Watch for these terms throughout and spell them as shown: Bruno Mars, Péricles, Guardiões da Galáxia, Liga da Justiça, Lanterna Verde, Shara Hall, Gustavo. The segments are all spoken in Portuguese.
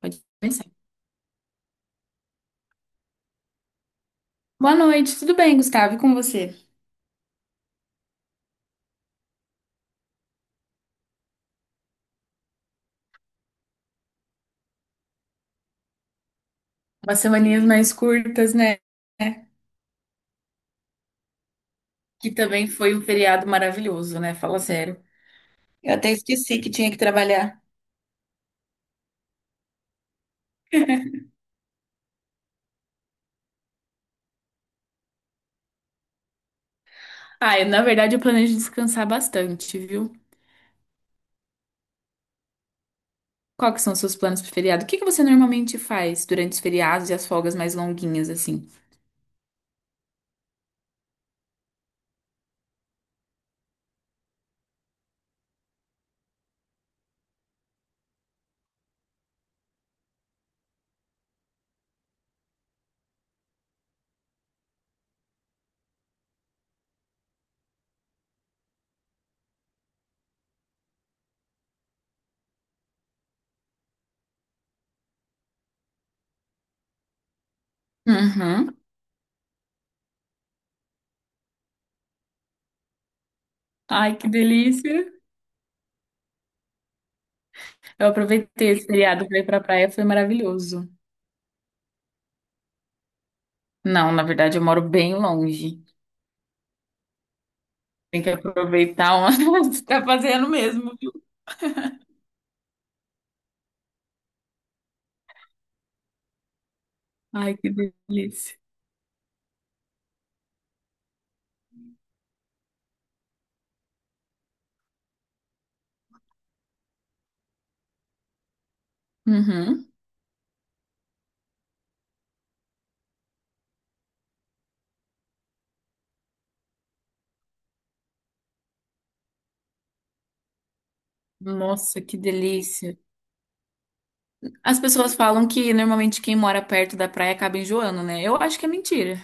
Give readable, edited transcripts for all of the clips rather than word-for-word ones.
Pode começar. Boa noite, tudo bem, Gustavo? E com você? Umas semaninhas mais curtas, né? Que também foi um feriado maravilhoso, né? Fala sério. Eu até esqueci que tinha que trabalhar. Ah, eu, na verdade, eu planejo descansar bastante, viu? Qual que são os seus planos pro feriado? O que que você normalmente faz durante os feriados e as folgas mais longuinhas, assim? Uhum. Ai, que delícia! Eu aproveitei esse feriado pra ir pra praia, foi maravilhoso. Não, na verdade, eu moro bem longe. Tem que aproveitar onde tá fazendo mesmo. Ai, que delícia. Uhum. Nossa, que delícia. As pessoas falam que normalmente quem mora perto da praia acaba enjoando, né? Eu acho que é mentira.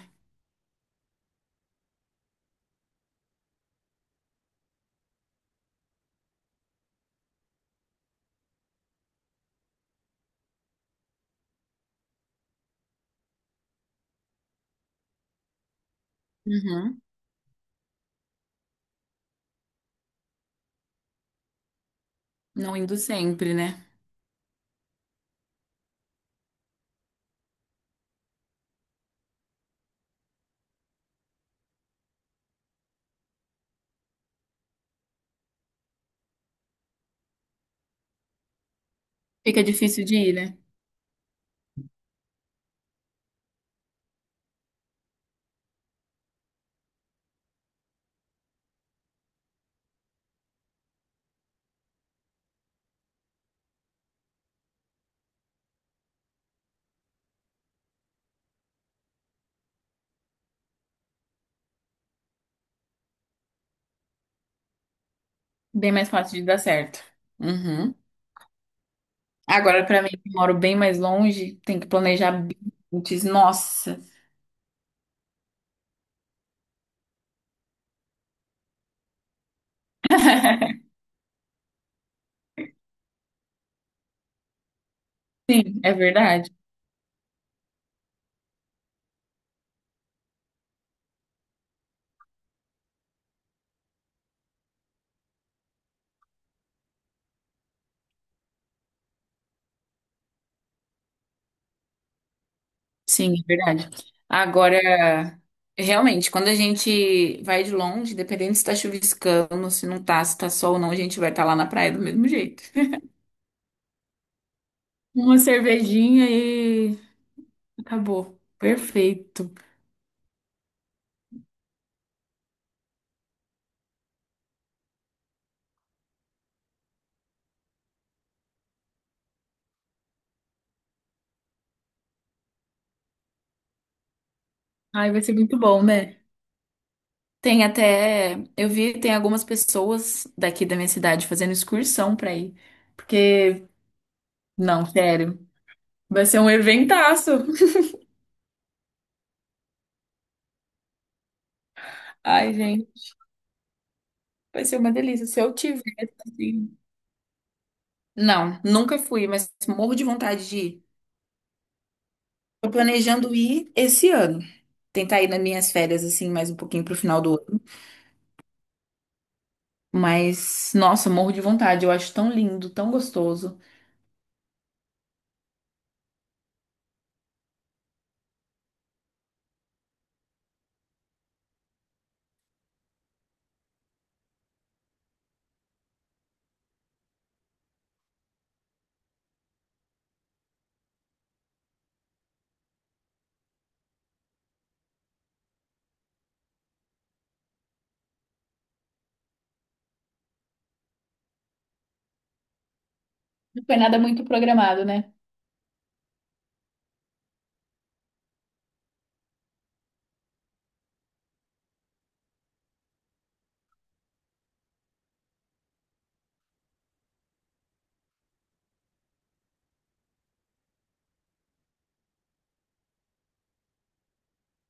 Uhum. Não indo sempre, né? Fica difícil de ir, né? Bem mais fácil de dar certo. Uhum. Agora, pra mim, que moro bem mais longe, tem que planejar bem antes. Nossa. Sim, é verdade. Sim, é verdade. Agora, realmente, quando a gente vai de longe, dependendo se tá chuviscando, se não tá, se tá sol ou não, a gente vai estar lá na praia do mesmo jeito. Uma cervejinha e acabou. Perfeito. Ai, vai ser muito bom, né? Tem até, eu vi, tem algumas pessoas daqui da minha cidade fazendo excursão pra ir. Porque, não, sério, vai ser um eventaço. Ai, gente, vai ser uma delícia. Se eu tiver, assim, não, nunca fui, mas morro de vontade de ir. Tô planejando ir esse ano. Tentar ir nas minhas férias, assim, mais um pouquinho pro final do ano. Mas, nossa, morro de vontade. Eu acho tão lindo, tão gostoso. Não foi nada muito programado, né?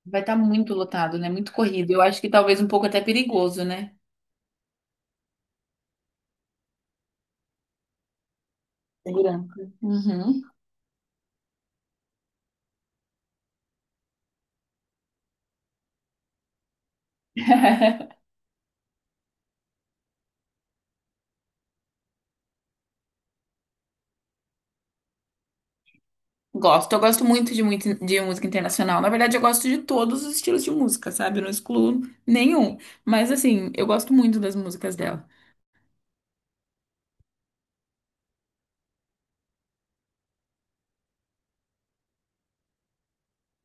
Vai estar muito lotado, né? Muito corrido. Eu acho que talvez um pouco até perigoso, né? Segurança. Uhum. Gosto. Eu gosto muito de música internacional. Na verdade, eu gosto de todos os estilos de música, sabe? Eu não excluo nenhum. Mas, assim, eu gosto muito das músicas dela.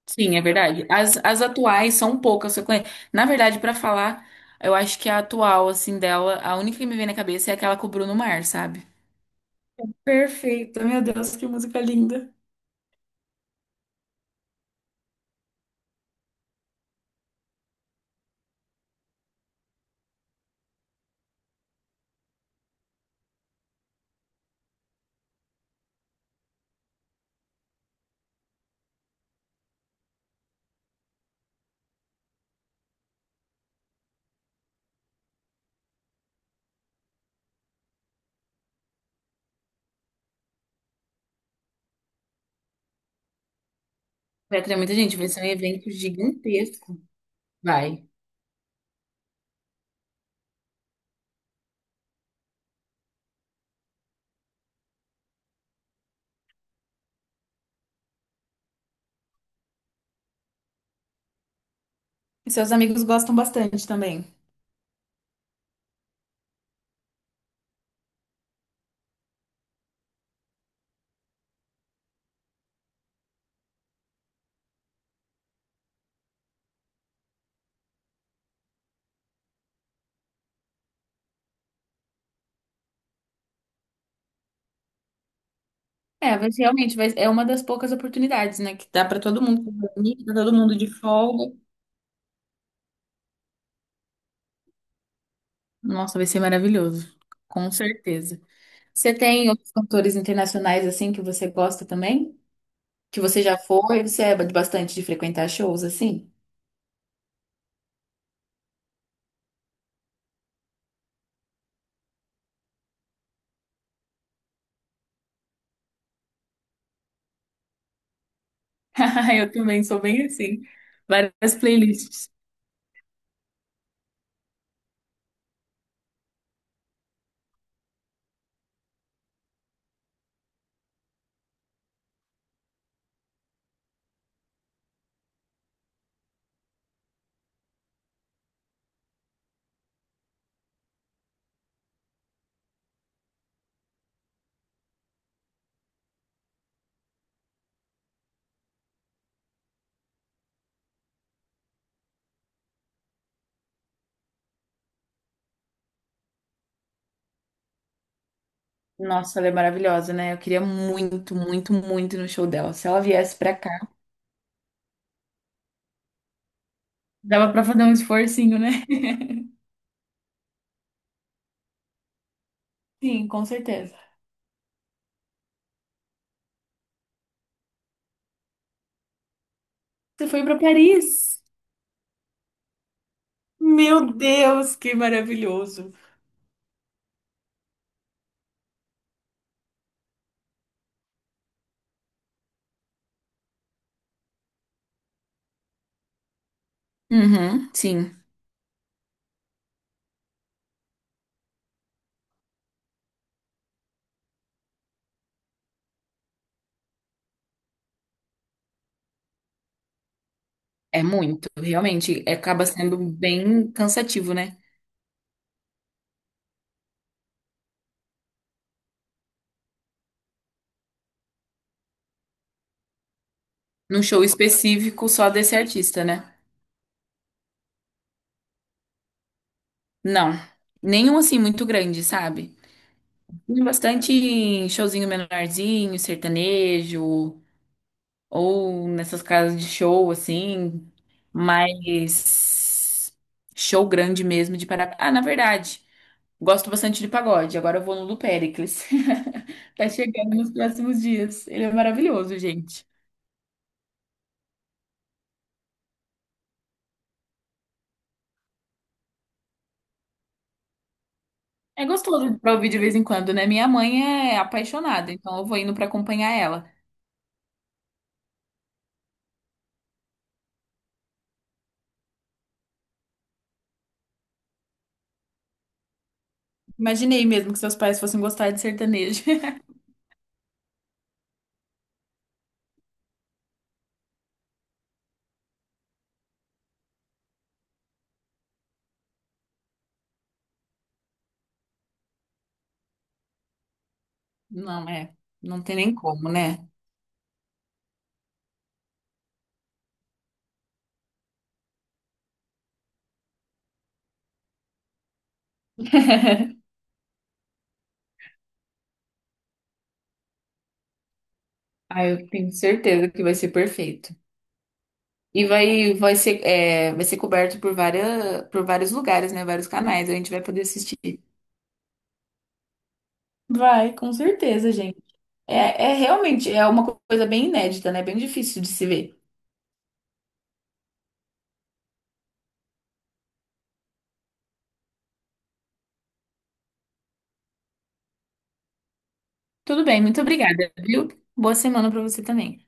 Sim, é verdade. As atuais são poucas que eu conheço. Na verdade, pra falar, eu acho que a atual, assim, dela, a única que me vem na cabeça é aquela com o Bruno Mars, sabe? Perfeito, meu Deus, que música linda. Vai ter muita gente, vai ser um evento gigantesco. Vai. E seus amigos gostam bastante também. É, vai ser- realmente vai, é uma das poucas oportunidades, né? Que dá pra todo mundo se reunir, tá todo mundo de folga. Nossa, vai ser maravilhoso. Com certeza. Você tem outros cantores internacionais, assim, que você gosta também? Que você já foi, você é bastante de frequentar shows assim? Eu também sou bem assim. Várias playlists. Nossa, ela é maravilhosa, né? Eu queria muito, muito, muito ir no show dela. Se ela viesse pra cá. Dava pra fazer um esforcinho, né? Sim, com certeza. Você foi pra Paris? Meu Deus, que maravilhoso. Uhum, sim. É muito, realmente. É- Acaba sendo bem cansativo, né? Num show específico só desse artista, né? Não. Nenhum assim muito grande, sabe? Bastante showzinho menorzinho, sertanejo, ou nessas casas de show, assim, mas show grande mesmo de para. Ah, na verdade, gosto bastante de pagode. Agora eu vou no do Péricles. Tá chegando nos próximos dias. Ele é maravilhoso, gente. É gostoso pra ouvir de vez em quando, né? Minha mãe é apaixonada, então eu vou indo pra acompanhar ela. Imaginei mesmo que seus pais fossem gostar de sertanejo. Não, é. Não tem nem como, né? Ah, eu tenho certeza que vai ser perfeito. E vai, vai ser, é, vai ser coberto por várias, por vários lugares, né? Vários canais, a gente vai poder assistir. Vai, com certeza, gente. É, é realmente é uma co- coisa bem inédita, né? Bem difícil de se ver. Tudo bem, muito obrigada, viu? Boa semana para você também.